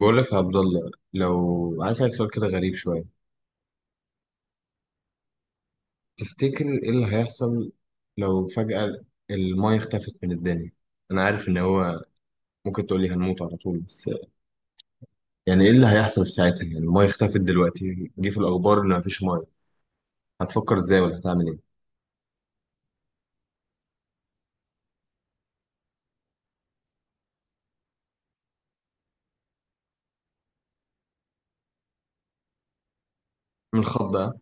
بقول لك يا عبد الله لو عايز اسالك سؤال كده غريب شويه. تفتكر ايه اللي هيحصل لو فجاه المايه اختفت من الدنيا؟ انا عارف ان هو ممكن تقول لي هنموت على طول، بس يعني ايه اللي هيحصل في ساعتها؟ يعني المايه اختفت دلوقتي، جه في الاخبار ان مفيش مايه، هتفكر ازاي ولا هتعمل ايه؟ من الخض ده.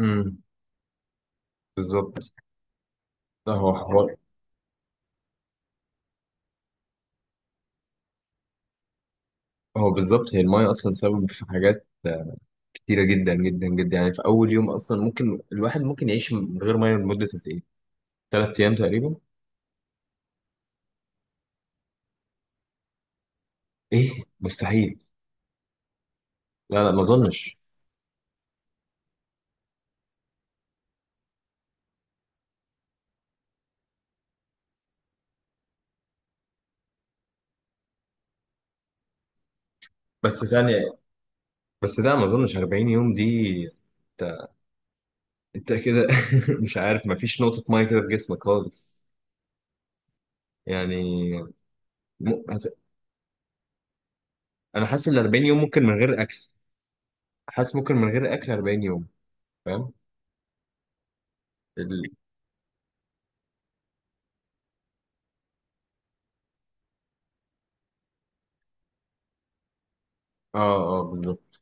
امم بالظبط. ده هو حوار. هو بالظبط، هي المايه اصلا سبب في حاجات كتيره جدا جدا جدا. يعني في اول يوم، اصلا ممكن الواحد ممكن يعيش من غير مايه لمده قد ايه؟ 3 ايام تقريبا. ايه مستحيل. لا ما اظنش. بس ثانية، بس لا ما اظنش 40 يوم دي. انت انت كده مش عارف، ما فيش نقطة مية كده في جسمك خالص يعني. م... هت- انا حاسس ال 40 يوم ممكن من غير اكل. حاسس ممكن من غير اكل 40 يوم. فاهم. ال... اه اه بالظبط.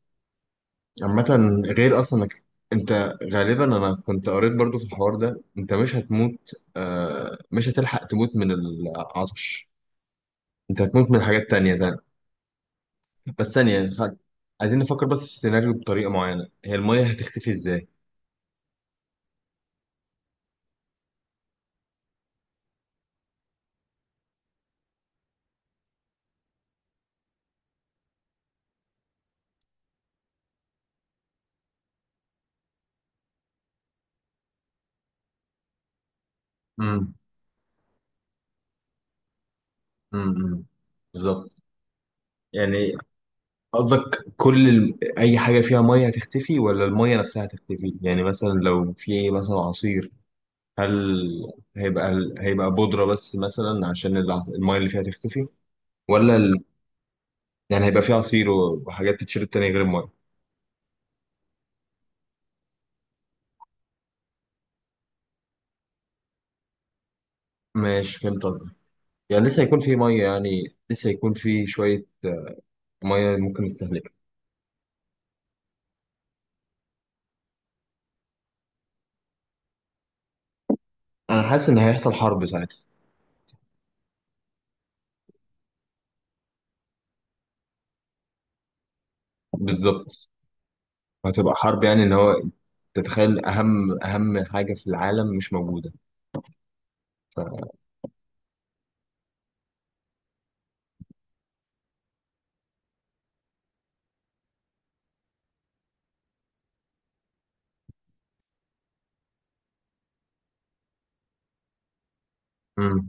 عامة، غير اصلا انك انت غالبا انا كنت قريت برضو في الحوار ده، انت مش هتموت، مش هتلحق تموت من العطش، انت هتموت من حاجات تانية. بس ثانية يعني خ- عايزين نفكر بس في السيناريو بطريقة معينة. هي المية هتختفي ازاي؟ امم امم بالظبط يعني. قصدك كل أي حاجة فيها مية هتختفي ولا المية نفسها هتختفي؟ يعني مثلا لو في مثلا عصير، هل هيبقى بودرة بس مثلا عشان المية اللي فيها تختفي؟ ولا ال... يعني هيبقى في عصير وحاجات تتشرب تانية غير المية؟ ماشي فهمت قصدك. يعني لسه هيكون في مية، يعني لسه هيكون في شوية مية ممكن نستهلكها. انا حاسس ان هيحصل حرب ساعتها. بالظبط، هتبقى حرب، يعني ان هو تتخيل اهم حاجه في العالم مش موجوده ف... مم.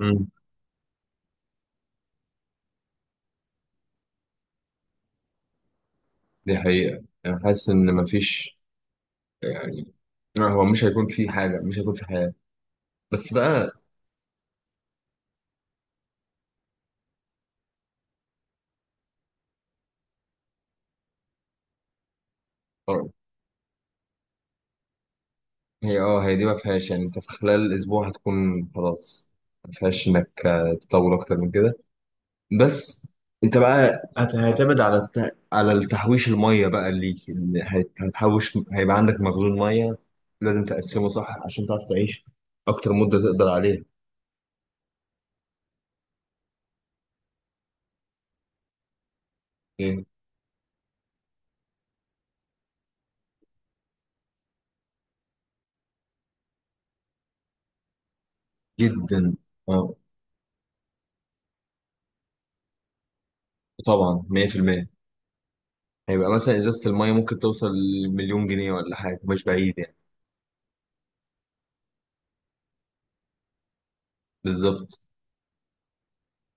مم. دي حقيقه، انا حاسس ان مفيش يعني، لا، هو مش هيكون في حاجه، مش هيكون في حياه بس بقى. آه، هي دي ما فيهاش، يعني انت في خلال اسبوع هتكون خلاص، ما فيهاش انك تطول اكتر من كده بس. انت بقى هتعتمد على على التحويش، الميه بقى ليك ان هتحوش. هيبقى عندك مخزون ميه لازم تقسمه صح عشان تعرف تعيش اكتر مده تقدر عليها. ايه؟ جدا. اه. طبعا 100%. هيبقى مثلا ازازه الميه ممكن توصل لمليون جنيه ولا حاجه، مش بعيد يعني. بالظبط.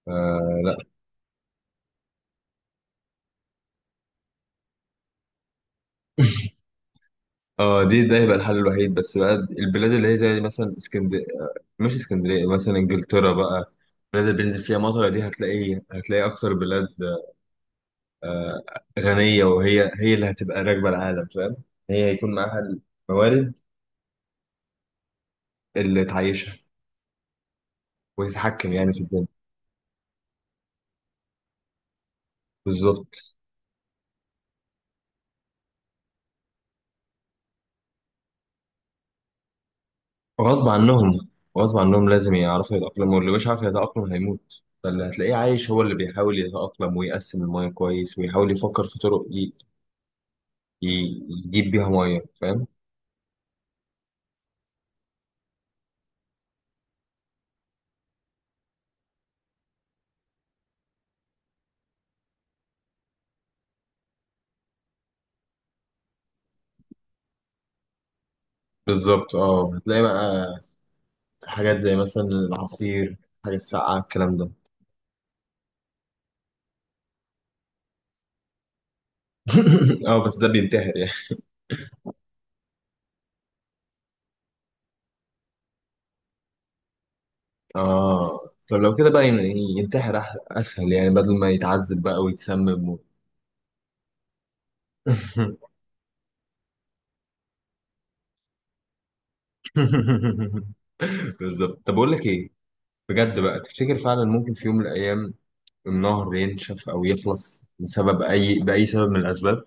آه اه، دي ده يبقى الحل الوحيد. بس بقى البلاد اللي هي زي مثلا اسكندريه، مش اسكندريه، مثلا انجلترا بقى، البلاد اللي بينزل فيها مطر دي، هتلاقي اكتر بلاد غنيه، وهي اللي هتبقى راكبه العالم فاهم. هي هيكون معاها الموارد اللي تعيشها وتتحكم يعني في الدنيا. بالظبط. غصب عنهم. غصب عنهم لازم يعرفوا يتأقلموا، واللي مش عارف يتأقلم هيموت. فاللي هتلاقيه عايش هو اللي بيحاول يتأقلم ويقسم المياه كويس ويحاول يفكر في طرق ي... يجيب بيها مياه فاهم. بالظبط اه، هتلاقي بقى حاجات زي مثلا العصير، حاجة الساقعة، الكلام ده. اه بس ده بينتحر يعني. اه طب لو كده بقى ينتحر، اسهل يعني، بدل ما يتعذب بقى ويتسمم و... بالظبط. طب اقول لك ايه، بجد بقى، تفتكر فعلا ممكن في يوم من الايام النهر ينشف او يخلص بسبب اي باي سبب من الاسباب؟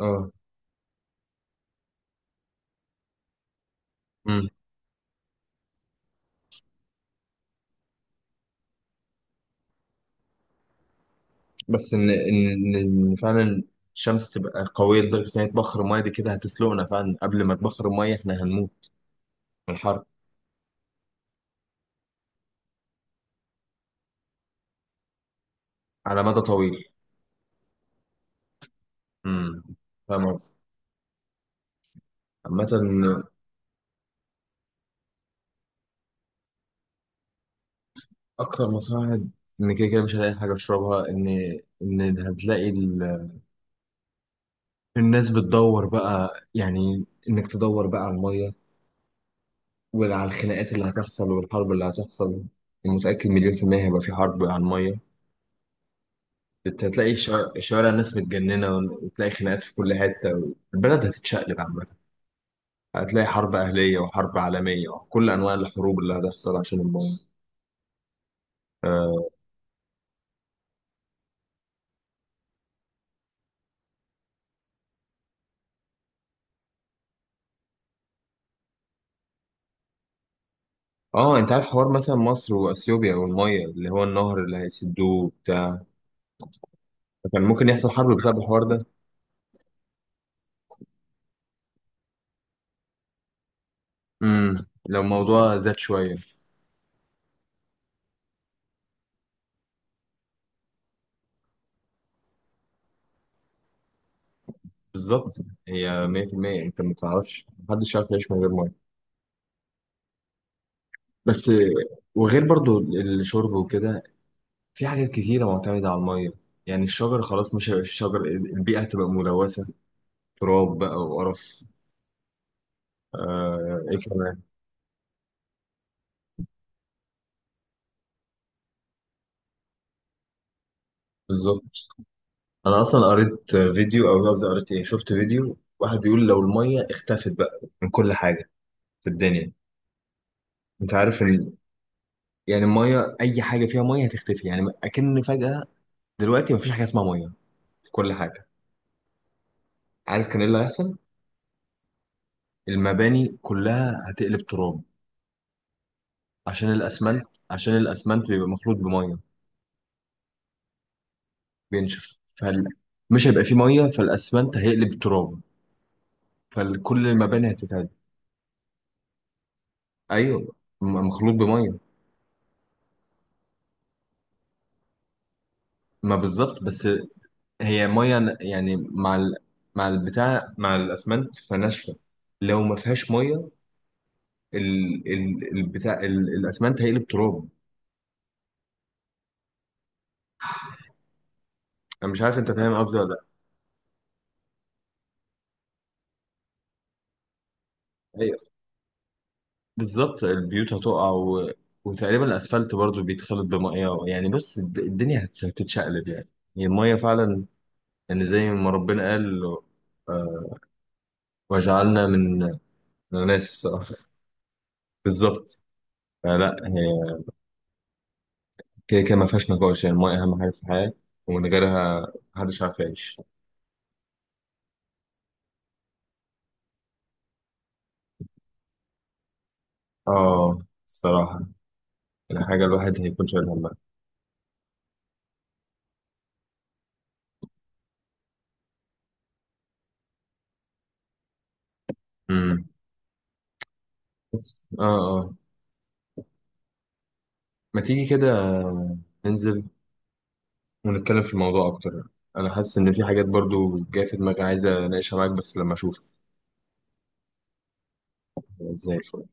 اه. بس ان ان إن فعلا الشمس تبقى قويه لدرجه ان هي تبخر الميه دي، كده هتسلقنا فعلا. قبل ما تبخر الميه احنا هنموت من الحر. على مدى طويل. امم فاهم قصدي. عامة. أكتر مساعد، كده كده مش هلاقي حاجة أشربها، إن إن هتلاقي الناس بتدور بقى، يعني إنك تدور بقى على المية وعلى الخناقات اللي هتحصل والحرب اللي هتحصل. متأكد مليون في المية هيبقى في حرب على المية. انت هتلاقي الشوارع الناس متجننة وتلاقي خناقات في كل حتة، البلد هتتشقلب عامة. هتلاقي حرب أهلية وحرب عالمية وكل أنواع الحروب اللي هتحصل عشان المية. اه. آه، انت عارف حوار مثلا مصر واثيوبيا والمية، اللي هو النهر اللي هيسدوه بتاع، كان ممكن يحصل حرب بسبب الحوار ده. امم لو الموضوع زاد شوية. بالظبط. هي 100%، انت ما تعرفش، محدش يعرف يعيش من غير مية بس. وغير برضو الشرب وكده، في حاجات كتيرة معتمدة على المية. يعني الشجر خلاص مش هيبقى فيه شجر، البيئة هتبقى ملوثة تراب بقى وقرف. آه ايه كمان. بالظبط. انا اصلا قريت فيديو، او قصدي قريت ايه، شفت فيديو واحد بيقول لو المية اختفت بقى من كل حاجة في الدنيا، انت عارف ان يعني المية، اي حاجة فيها مية هتختفي، يعني اكن فجأة دلوقتي مفيش حاجة اسمها مية في كل حاجة، عارف كان ايه اللي هيحصل؟ المباني كلها هتقلب تراب، عشان الاسمنت، عشان الاسمنت بيبقى مخلوط بمية، بينشف مش هيبقى فيه ميه فالاسمنت هيقلب تراب، فكل المباني هتتهد. ايوه، مخلوط بميه. ما بالظبط بس. هي ميه يعني مع مع البتاع، مع الاسمنت فناشفه. لو ما فيهاش ميه الاسمنت هيقلب تراب. انا مش عارف انت فاهم قصدي ولا لا. ايوه بالظبط. البيوت هتقع وتقريبا الاسفلت برضو بيتخلط بميه يعني، بص الدنيا هتتشقلب يعني. هي الميه فعلا، يعني زي ما ربنا قال، آه، وجعلنا من، انا ناسي الصراحه. بالظبط. فلا هي كده كده ما فيهاش نقاش، يعني الماء اهم حاجه في الحياه، ومن غيرها محدش عارف يعيش. اه الصراحه، الحاجه الواحد هيكون شايل همها. امم بس ما تيجي كده ننزل ونتكلم في الموضوع اكتر، انا حاسس ان في حاجات برضو جايه في دماغي عايز اناقشها معاك بس لما اشوفك. زي الفل.